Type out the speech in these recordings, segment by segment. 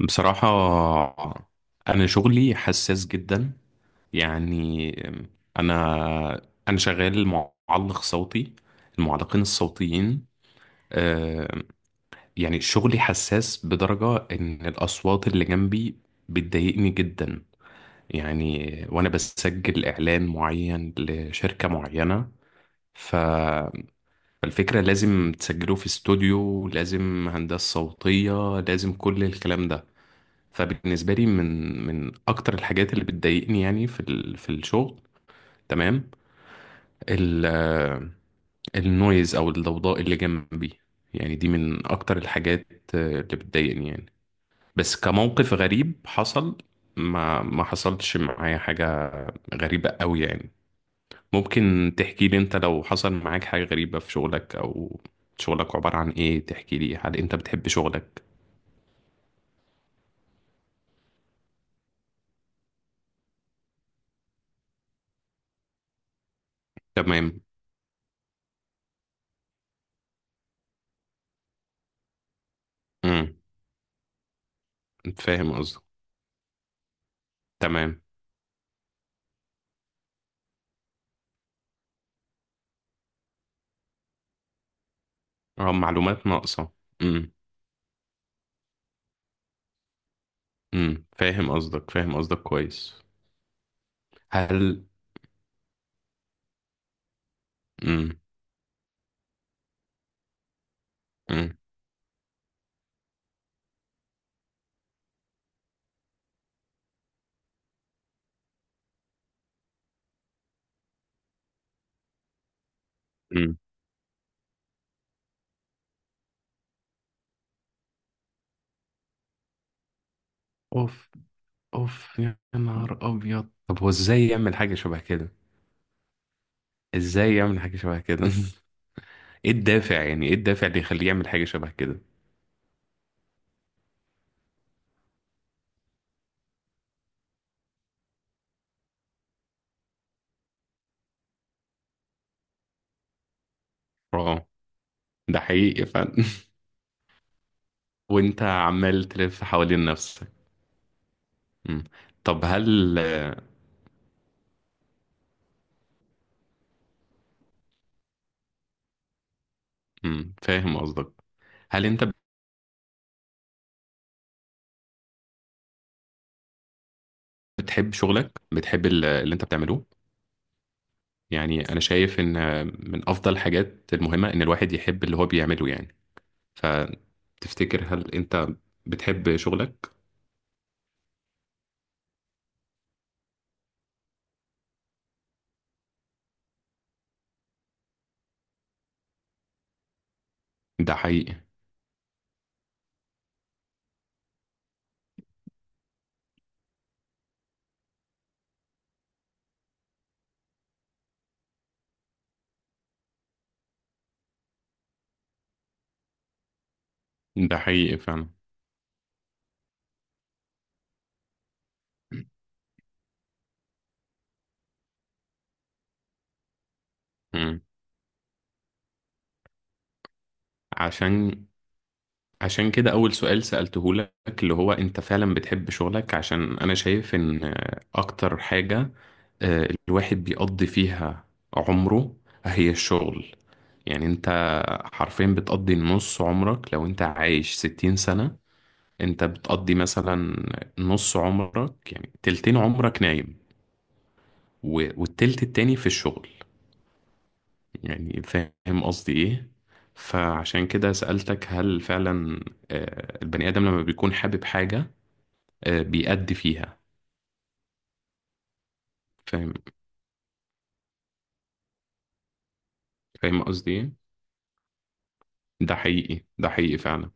بصراحة، أنا شغلي حساس جدا. يعني أنا أنا شغال معلق صوتي، المعلقين الصوتيين. آه، يعني شغلي حساس بدرجة إن الأصوات اللي جنبي بتضايقني جدا. يعني وأنا بسجل إعلان معين لشركة معينة، ف- فالفكرة لازم تسجله في استوديو، لازم هندسة صوتية، لازم كل الكلام ده. فبالنسبة لي، من أكتر الحاجات اللي بتضايقني يعني في الشغل، تمام، ال آه، النويز أو الضوضاء اللي جنبي، يعني دي من أكتر الحاجات اللي بتضايقني يعني. بس كموقف غريب حصل، ما حصلتش معايا حاجة غريبة قوي يعني. ممكن تحكي لي أنت لو حصل معاك حاجة غريبة في شغلك؟ أو شغلك عبارة عن إيه؟ تحكي لي، هل أنت بتحب شغلك؟ تمام. امم، فاهم قصدك. تمام، اه، معلومات ناقصة. مم. امم، فاهم قصدك، فاهم قصدك كويس. هل امم امم امم اوف، اوف يا نهار ابيض. طب، هو ازاي يعمل حاجه شبه كده؟ ازاي يعمل حاجه شبه كده؟ ايه الدافع؟ يعني ايه الدافع اللي يخليه يعمل حاجه شبه كده؟ اه، ده حقيقي فعلا. وانت عمال تلف حوالين نفسك. امم. طب، هل فاهم قصدك. هل انت بتحب شغلك؟ بتحب اللي انت بتعمله؟ يعني انا شايف ان من افضل الحاجات المهمه ان الواحد يحب اللي هو بيعمله. يعني فتفتكر، هل انت بتحب شغلك؟ ده حقيقي، ده حقيقي فعلا. مم. عشان عشان كده أول سؤال سألته لك، اللي هو أنت فعلا بتحب شغلك. عشان أنا شايف إن أكتر حاجة الواحد بيقضي فيها عمره هي الشغل. يعني أنت حرفيا بتقضي نص عمرك. لو أنت عايش 60 سنة، أنت بتقضي مثلا نص عمرك، يعني تلتين عمرك نايم، والتلت التاني في الشغل. يعني فاهم قصدي ايه؟ فعشان كده سألتك، هل فعلا البني آدم لما بيكون حابب حاجة بيأدي فيها. فاهم، فاهم قصدي ايه. ده حقيقي، ده حقيقي فعلا.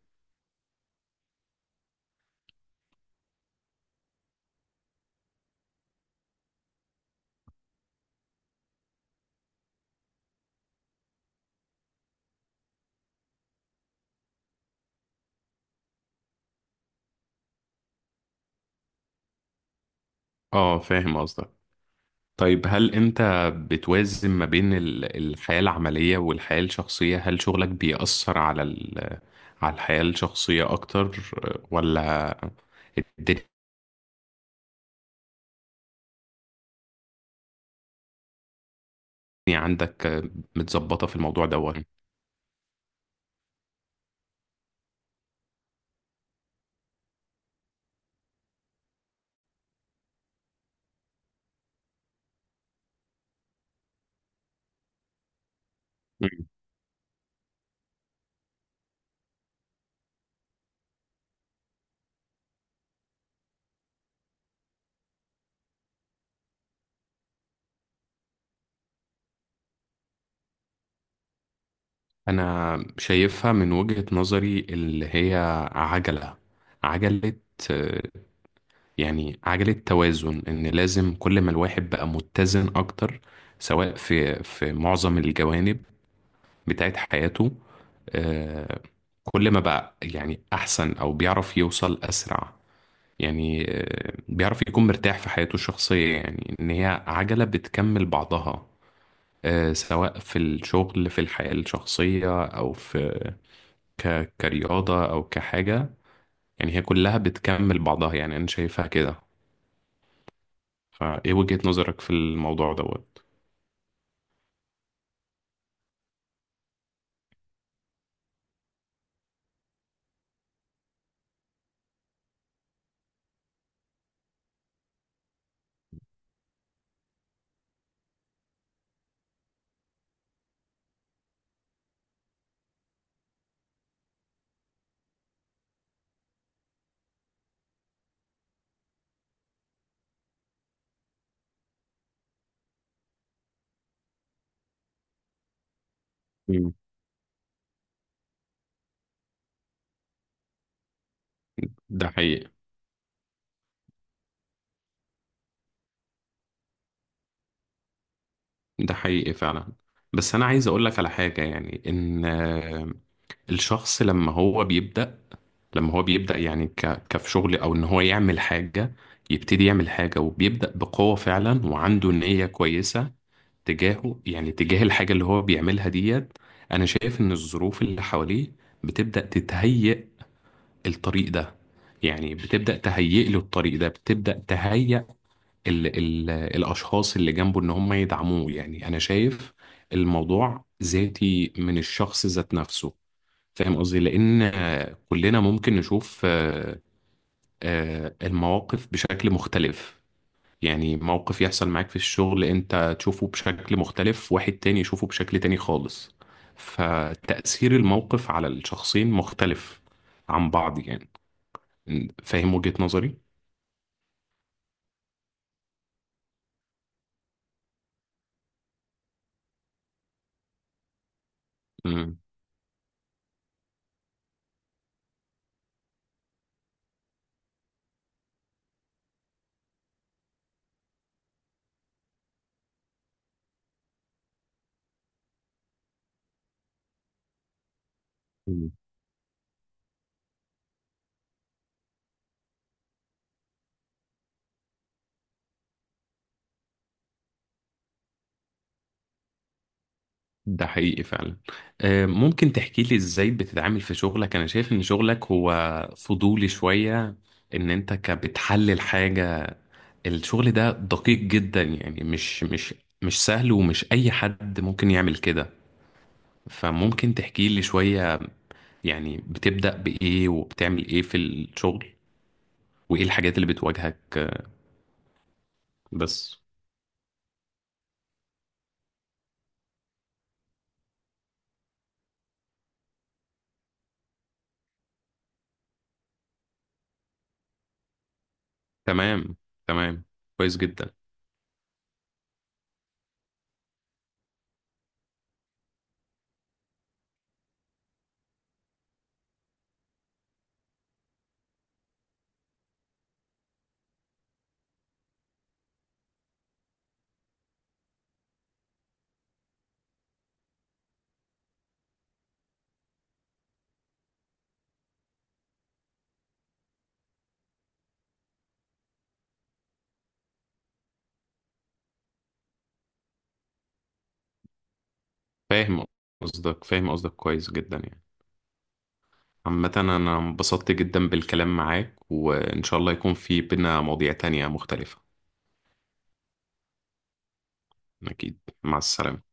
اه، فاهم قصدك. طيب، هل انت بتوازن ما بين الحياة العملية والحياة الشخصية؟ هل شغلك بيأثر على ال... على الحياة الشخصية اكتر، ولا الدنيا عندك متظبطة في الموضوع دوت؟ انا شايفها من وجهة نظري اللي هي عجلة، عجلة، آه، يعني عجلة توازن، ان لازم كل ما الواحد بقى متزن اكتر سواء في معظم الجوانب بتاعت حياته، آه، كل ما بقى يعني احسن او بيعرف يوصل اسرع. يعني بيعرف يكون مرتاح في حياته الشخصية. يعني ان هي عجلة بتكمل بعضها، سواء في الشغل، في الحياة الشخصية، أو في كرياضة أو كحاجة. يعني هي كلها بتكمل بعضها، يعني أنا شايفها كده. فإيه وجهة نظرك في الموضوع دوت؟ مم. ده حقيقي، ده حقيقي فعلا. بس أنا عايز أقولك على حاجة، يعني إن الشخص لما هو بيبدأ، يعني كفي شغل أو إن هو يعمل حاجة، يبتدي يعمل حاجة وبيبدأ بقوة فعلا وعنده نية كويسة تجاهه، يعني تجاه الحاجة اللي هو بيعملها ديت. أنا شايف إن الظروف اللي حواليه بتبدأ تتهيئ الطريق ده، يعني بتبدأ تهيئ له الطريق ده، بتبدأ تهيئ ال الأشخاص اللي جنبه إن هم يدعموه. يعني أنا شايف الموضوع ذاتي من الشخص ذات نفسه. فاهم قصدي، لأن كلنا ممكن نشوف المواقف بشكل مختلف. يعني موقف يحصل معاك في الشغل أنت تشوفه بشكل مختلف، واحد تاني يشوفه بشكل تاني خالص. فتأثير الموقف على الشخصين مختلف عن بعض يعني. فاهم وجهة نظري. مم. مم. ده حقيقي فعلا. ممكن تحكي لي ازاي بتتعامل في شغلك؟ انا شايف ان شغلك هو فضولي شوية، ان انت بتحلل حاجة. الشغل ده دقيق جدا، يعني مش سهل، ومش اي حد ممكن يعمل كده. فممكن تحكي لي شوية، يعني بتبدأ بإيه وبتعمل إيه في الشغل؟ وإيه الحاجات اللي بتواجهك، بس. تمام، تمام، كويس جدا. فاهم قصدك، فاهم قصدك كويس جدا. يعني عامة، أنا انبسطت جدا بالكلام معاك، وإن شاء الله يكون في بينا مواضيع تانية مختلفة. أكيد، مع السلامة.